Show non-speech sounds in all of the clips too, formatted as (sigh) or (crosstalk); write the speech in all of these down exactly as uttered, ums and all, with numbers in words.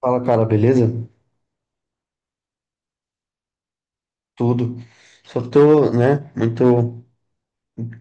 Fala, cara, beleza? Tudo. Só tô, né, muito.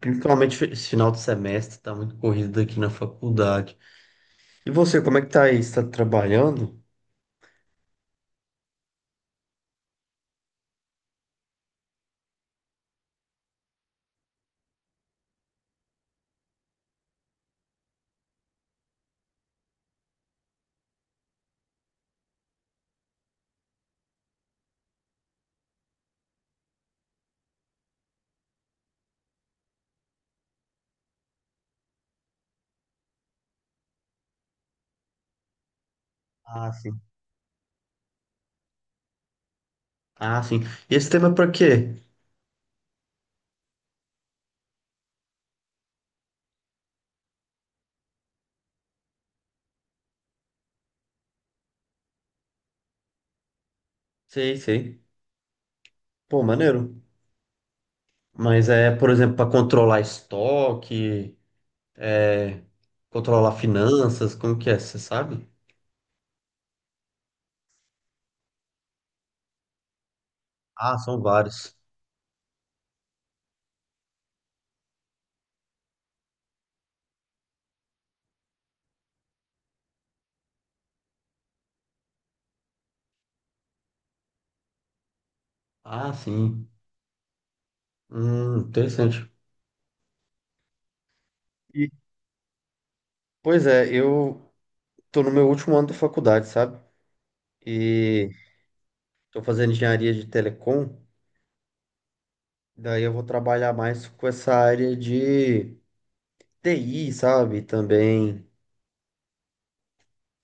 Principalmente esse final de semestre, tá muito corrido aqui na faculdade. E você, como é que tá aí? Você tá trabalhando? Ah, sim. Ah, sim. E esse tema é pra quê? Sei, sei. Pô, maneiro. Mas é, por exemplo, pra controlar estoque, é, controlar finanças, como que é? Você sabe? Ah, são vários. Ah, sim. Hum, interessante. E, pois é, eu tô no meu último ano da faculdade, sabe? E estou fazendo engenharia de telecom, daí eu vou trabalhar mais com essa área de T I, sabe? Também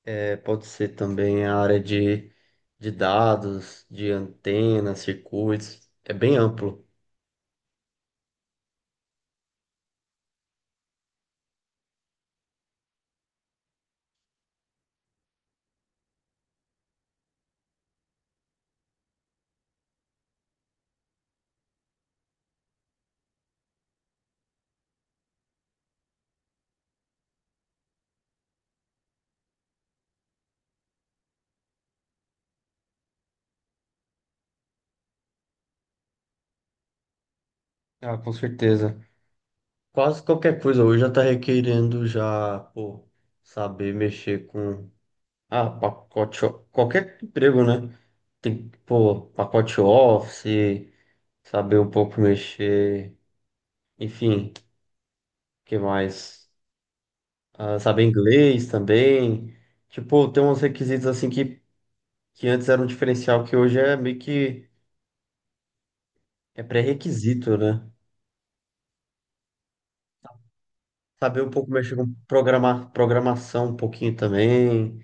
é, pode ser também a área de, de dados, de antenas, circuitos, é bem amplo. Ah, com certeza. Quase qualquer coisa hoje já está requerendo já, pô, saber mexer com ah, pacote, qualquer emprego, né? Tem pô, pacote Office, saber um pouco mexer, enfim. Que mais? Ah, saber inglês também. Tipo, tem uns requisitos assim que, que antes era um diferencial que hoje é meio que é pré-requisito, né? Saber um pouco mexer com programar, programação um pouquinho também,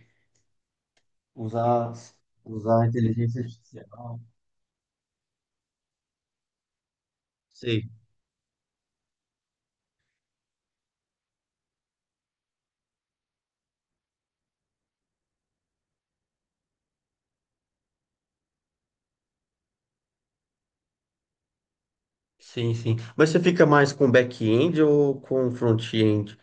usar, usar a inteligência artificial. Sim, sim, sim. Mas você fica mais com back-end ou com front-end?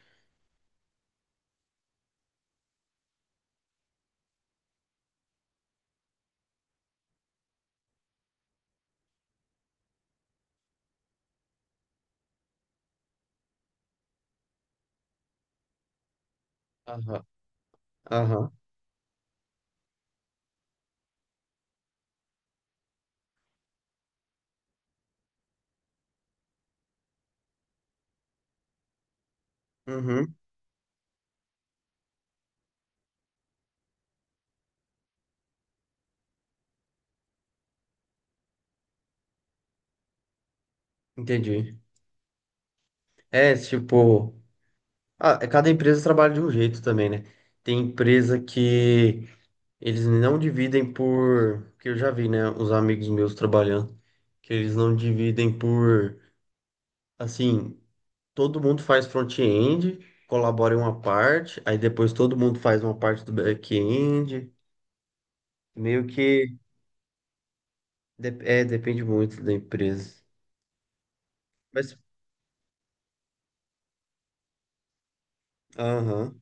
Aham, aham. Uhum, entendi. É, tipo, ah, cada empresa trabalha de um jeito também, né? Tem empresa que Eles não dividem por, que eu já vi, né, os amigos meus trabalhando, que eles não dividem por, assim, todo mundo faz front-end, colabora em uma parte, aí depois todo mundo faz uma parte do back-end, meio que, de- é, depende muito da empresa. Mas, aham,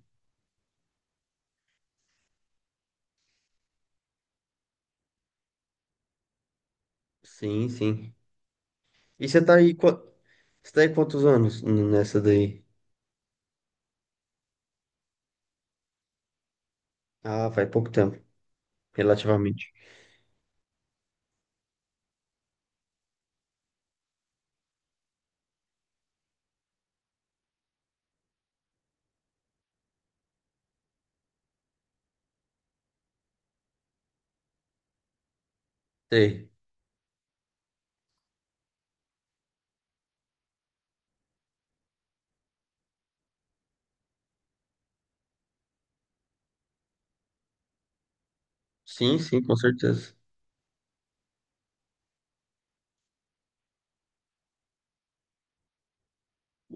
sim, sim. E você tá aí, qua- você tá aí quantos anos n- nessa daí? Ah, faz pouco tempo, relativamente. Sei. Sim, sim, com certeza.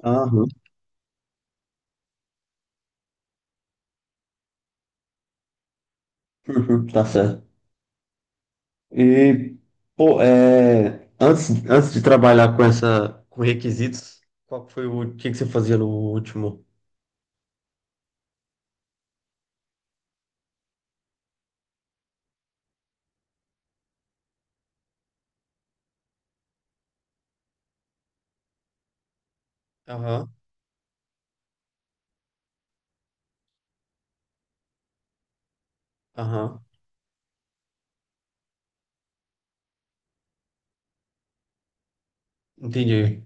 Aham, (laughs) tá certo. E, pô, é, antes, antes de trabalhar com essa, com requisitos, qual que foi o, o que que você fazia no último? Aham, aham, entendi.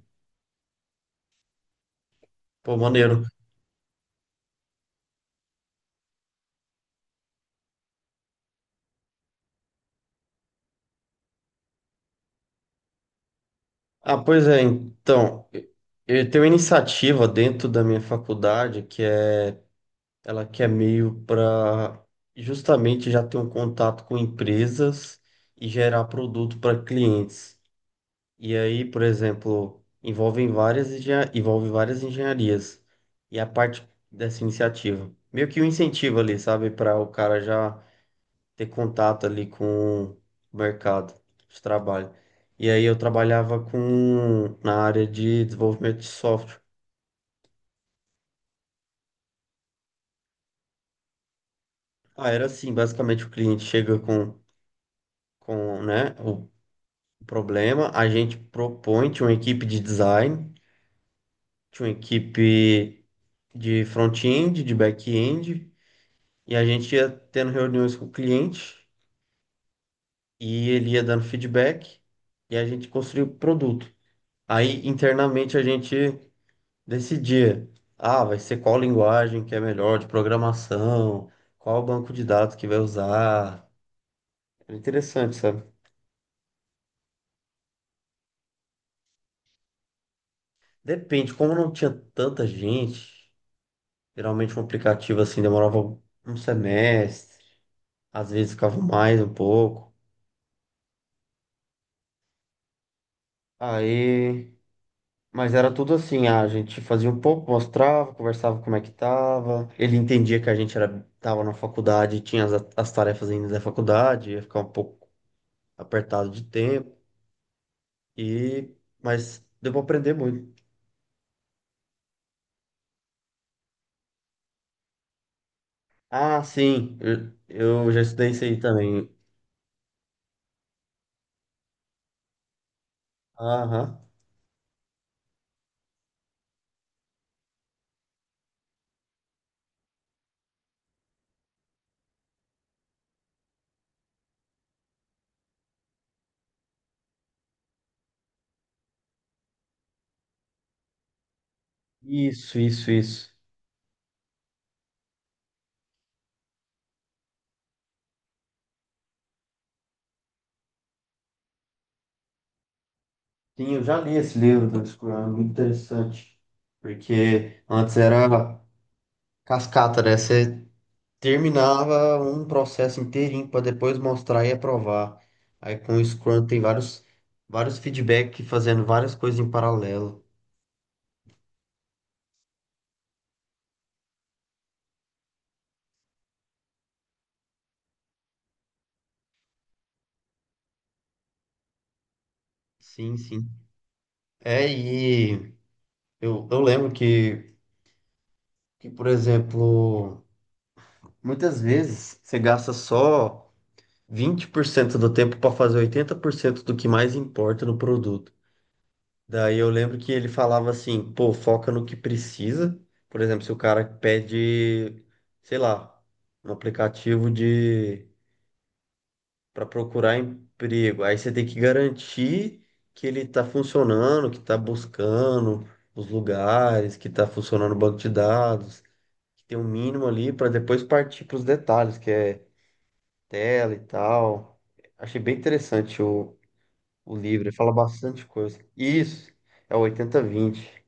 Pô, maneiro. Ah, pois é, então, eu eu tenho uma iniciativa dentro da minha faculdade que é, ela que é meio para justamente já ter um contato com empresas e gerar produto para clientes. E aí, por exemplo, envolvem várias, engen- envolve várias engenharias. E a parte dessa iniciativa. Meio que um incentivo ali, sabe? Para o cara já ter contato ali com o mercado de trabalho. E aí eu trabalhava com na área de desenvolvimento de software. Ah, era assim, basicamente o cliente chega com, com, né, o problema, a gente propõe, tinha uma equipe de design, tinha uma equipe de front-end, de back-end. E a gente ia tendo reuniões com o cliente e ele ia dando feedback e a gente construía o produto. Aí internamente a gente decidia, ah, vai ser qual linguagem que é melhor de programação, qual banco de dados que vai usar. Era interessante, sabe? Depende, como não tinha tanta gente, geralmente um aplicativo assim demorava um semestre, às vezes ficava mais um pouco. Aí Mas era tudo assim, ah, a gente fazia um pouco, mostrava, conversava como é que tava. Ele entendia que a gente era, tava na faculdade, tinha as, as tarefas ainda da faculdade, ia ficar um pouco apertado de tempo. E, mas deu pra aprender muito. Ah, sim, eu, eu já estudei isso aí também. Aham. Isso, isso, isso. Sim, eu já li esse livro do Discurso, é muito interessante. Porque antes era cascata, né? Você terminava um processo inteirinho para depois mostrar e aprovar. Aí com o Scrum tem vários, vários feedback fazendo várias coisas em paralelo. Sim, sim. É, e eu, eu lembro que, que, por exemplo, muitas vezes você gasta só vinte por cento do tempo para fazer oitenta por cento do que mais importa no produto. Daí eu lembro que ele falava assim, pô, foca no que precisa. Por exemplo, se o cara pede, sei lá, um aplicativo de para procurar emprego, aí você tem que garantir que ele está funcionando, que está buscando os lugares, que está funcionando o banco de dados, que tem um mínimo ali para depois partir para os detalhes, que é tela e tal. Achei bem interessante o, o livro, ele fala bastante coisa. Isso, é o oitenta vinte.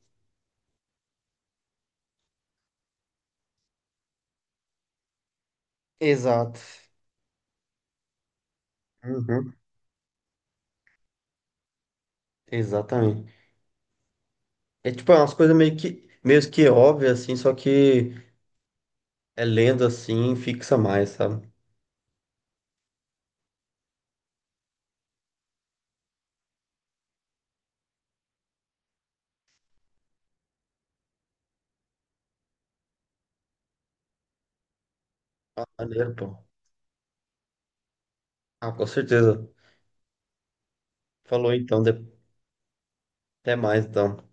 Exato. Uhum, exatamente. É tipo, é umas coisas meio que, meio que óbvias, assim, só que é lendo assim, fixa mais, sabe? Maneiro, pô. Ah, com certeza. Falou então, de- até mais então.